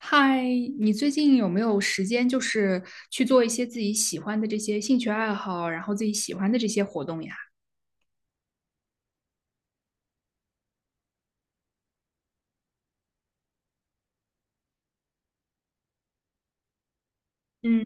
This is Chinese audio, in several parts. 嗨，你最近有没有时间，就是去做一些自己喜欢的这些兴趣爱好，然后自己喜欢的这些活动呀？嗯。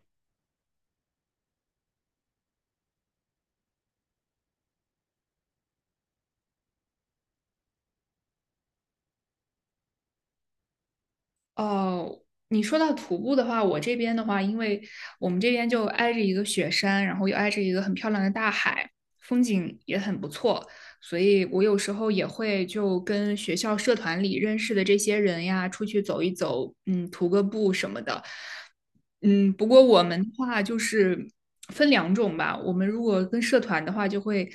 哦，你说到徒步的话，我这边的话，因为我们这边就挨着一个雪山，然后又挨着一个很漂亮的大海，风景也很不错，所以我有时候也会就跟学校社团里认识的这些人呀，出去走一走，嗯，徒个步什么的。嗯，不过我们的话就是分两种吧。我们如果跟社团的话，就会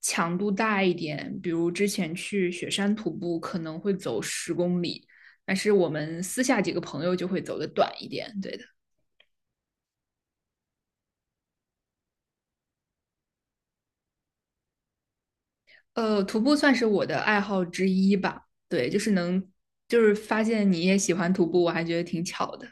强度大一点。比如之前去雪山徒步，可能会走十公里，但是我们私下几个朋友就会走的短一点。对的。徒步算是我的爱好之一吧。对，就是能，就是发现你也喜欢徒步，我还觉得挺巧的。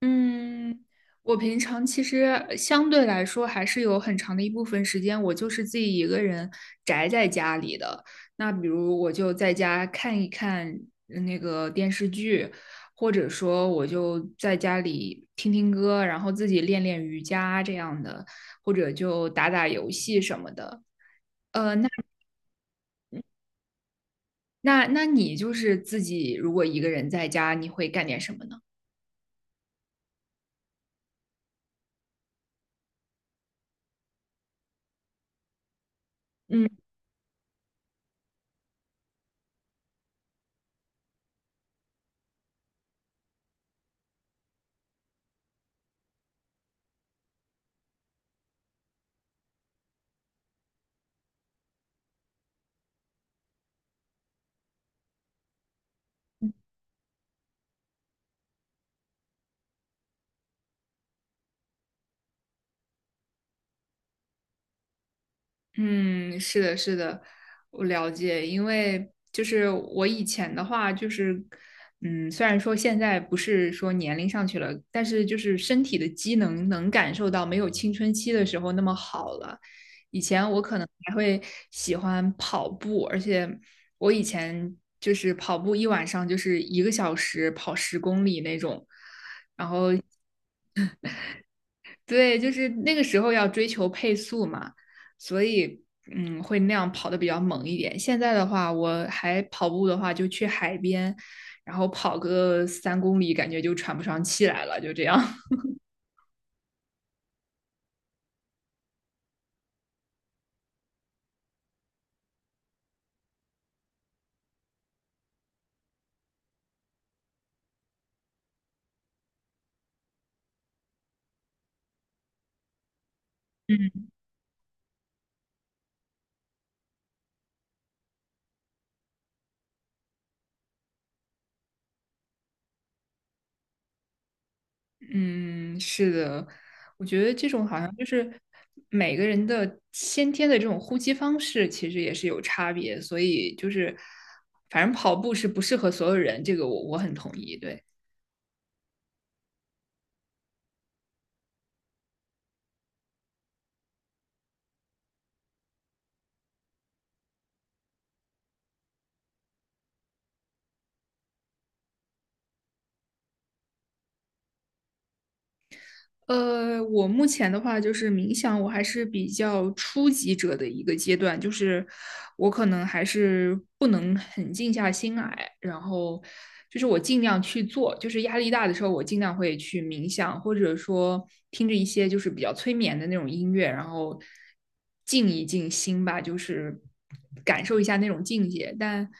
嗯，我平常其实相对来说还是有很长的一部分时间，我就是自己一个人宅在家里的。那比如我就在家看一看那个电视剧，或者说我就在家里听听歌，然后自己练练瑜伽这样的，或者就打打游戏什么的。呃，那那你就是自己如果一个人在家，你会干点什么呢？嗯。嗯，是的，是的，我了解。因为就是我以前的话，就是虽然说现在不是说年龄上去了，但是就是身体的机能能感受到没有青春期的时候那么好了。以前我可能还会喜欢跑步，而且我以前就是跑步一晚上就是一个小时跑十公里那种，然后对，就是那个时候要追求配速嘛，所以会那样跑的比较猛一点。现在的话，我还跑步的话，就去海边，然后跑个3公里，感觉就喘不上气来了，就这样。嗯嗯，是的，我觉得这种好像就是每个人的先天的这种呼吸方式，其实也是有差别，所以就是反正跑步是不适合所有人，这个我很同意，对。我目前的话就是冥想，我还是比较初级者的一个阶段，就是我可能还是不能很静下心来，然后就是我尽量去做，就是压力大的时候，我尽量会去冥想，或者说听着一些就是比较催眠的那种音乐，然后静一静心吧，就是感受一下那种境界，但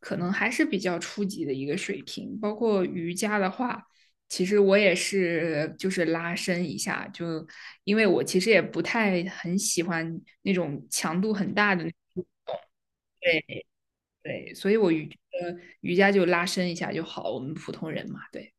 可能还是比较初级的一个水平，包括瑜伽的话。其实我也是，就是拉伸一下，就因为我其实也不太很喜欢那种强度很大的那种。对对，所以我瑜伽就拉伸一下就好，我们普通人嘛，对，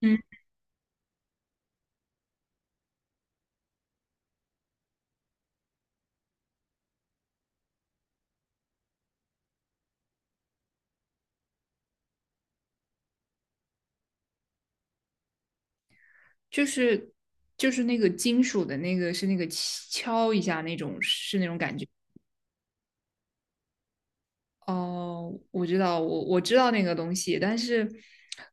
嗯，就是就是那个金属的那个是那个敲一下那种是那种感觉。哦，我知道，我知道那个东西，但是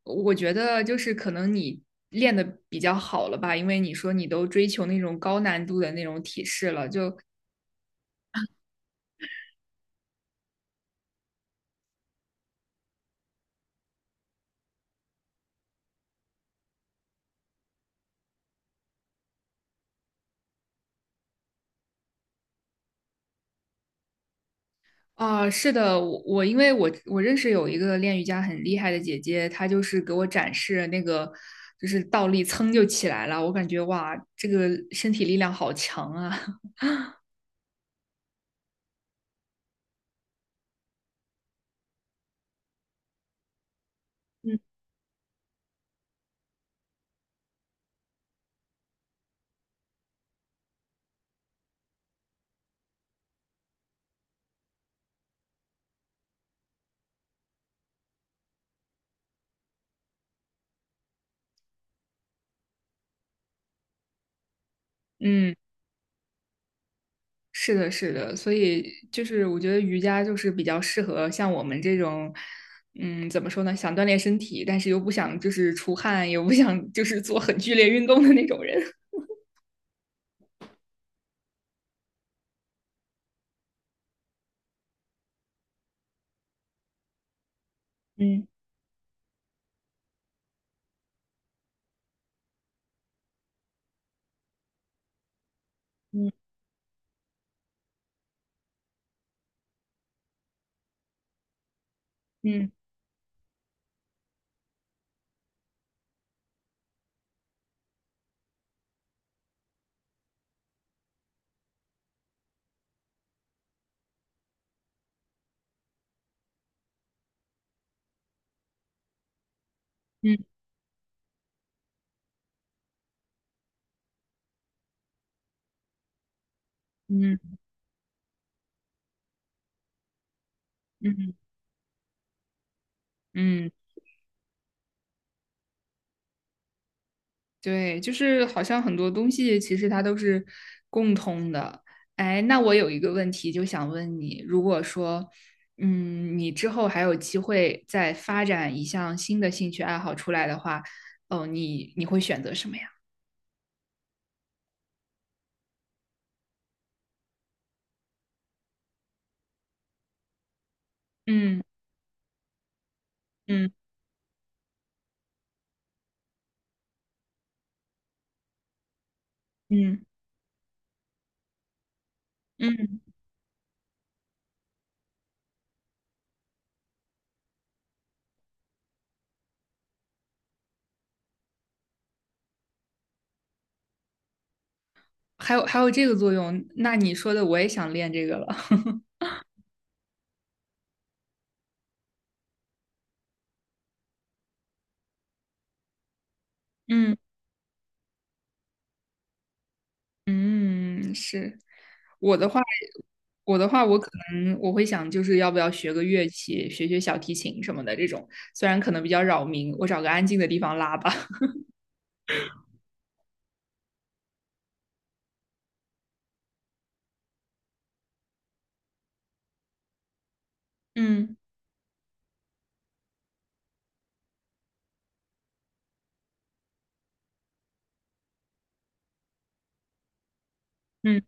我觉得就是可能你练的比较好了吧，因为你说你都追求那种高难度的那种体式了，就啊，是的，我因为我认识有一个练瑜伽很厉害的姐姐，她就是给我展示那个就是倒立噌就起来了，我感觉哇，这个身体力量好强啊。嗯。嗯。是的，是的，所以就是我觉得瑜伽就是比较适合像我们这种，嗯，怎么说呢，想锻炼身体，但是又不想就是出汗，又不想就是做很剧烈运动的那种人。嗯嗯嗯嗯嗯。嗯嗯嗯。对，就是好像很多东西其实它都是共通的。哎，那我有一个问题就想问你，如果说，你之后还有机会再发展一项新的兴趣爱好出来的话，哦，你会选择什么呀？嗯嗯嗯嗯，还有这个作用，那你说的我也想练这个了。嗯嗯，是。我的话，我可能会想，就是要不要学个乐器，学学小提琴什么的这种。虽然可能比较扰民，我找个安静的地方拉吧。嗯嗯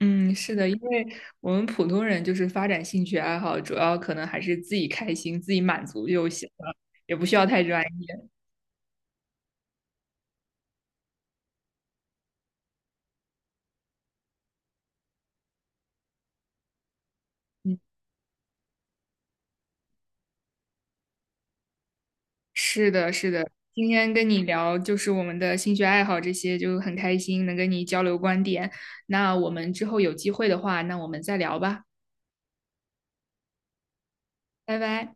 嗯，是的，因为我们普通人就是发展兴趣爱好，主要可能还是自己开心、自己满足就行了，也不需要太专业。嗯，是的，是的。今天跟你聊就是我们的兴趣爱好这些，就很开心能跟你交流观点。那我们之后有机会的话，那我们再聊吧，拜拜。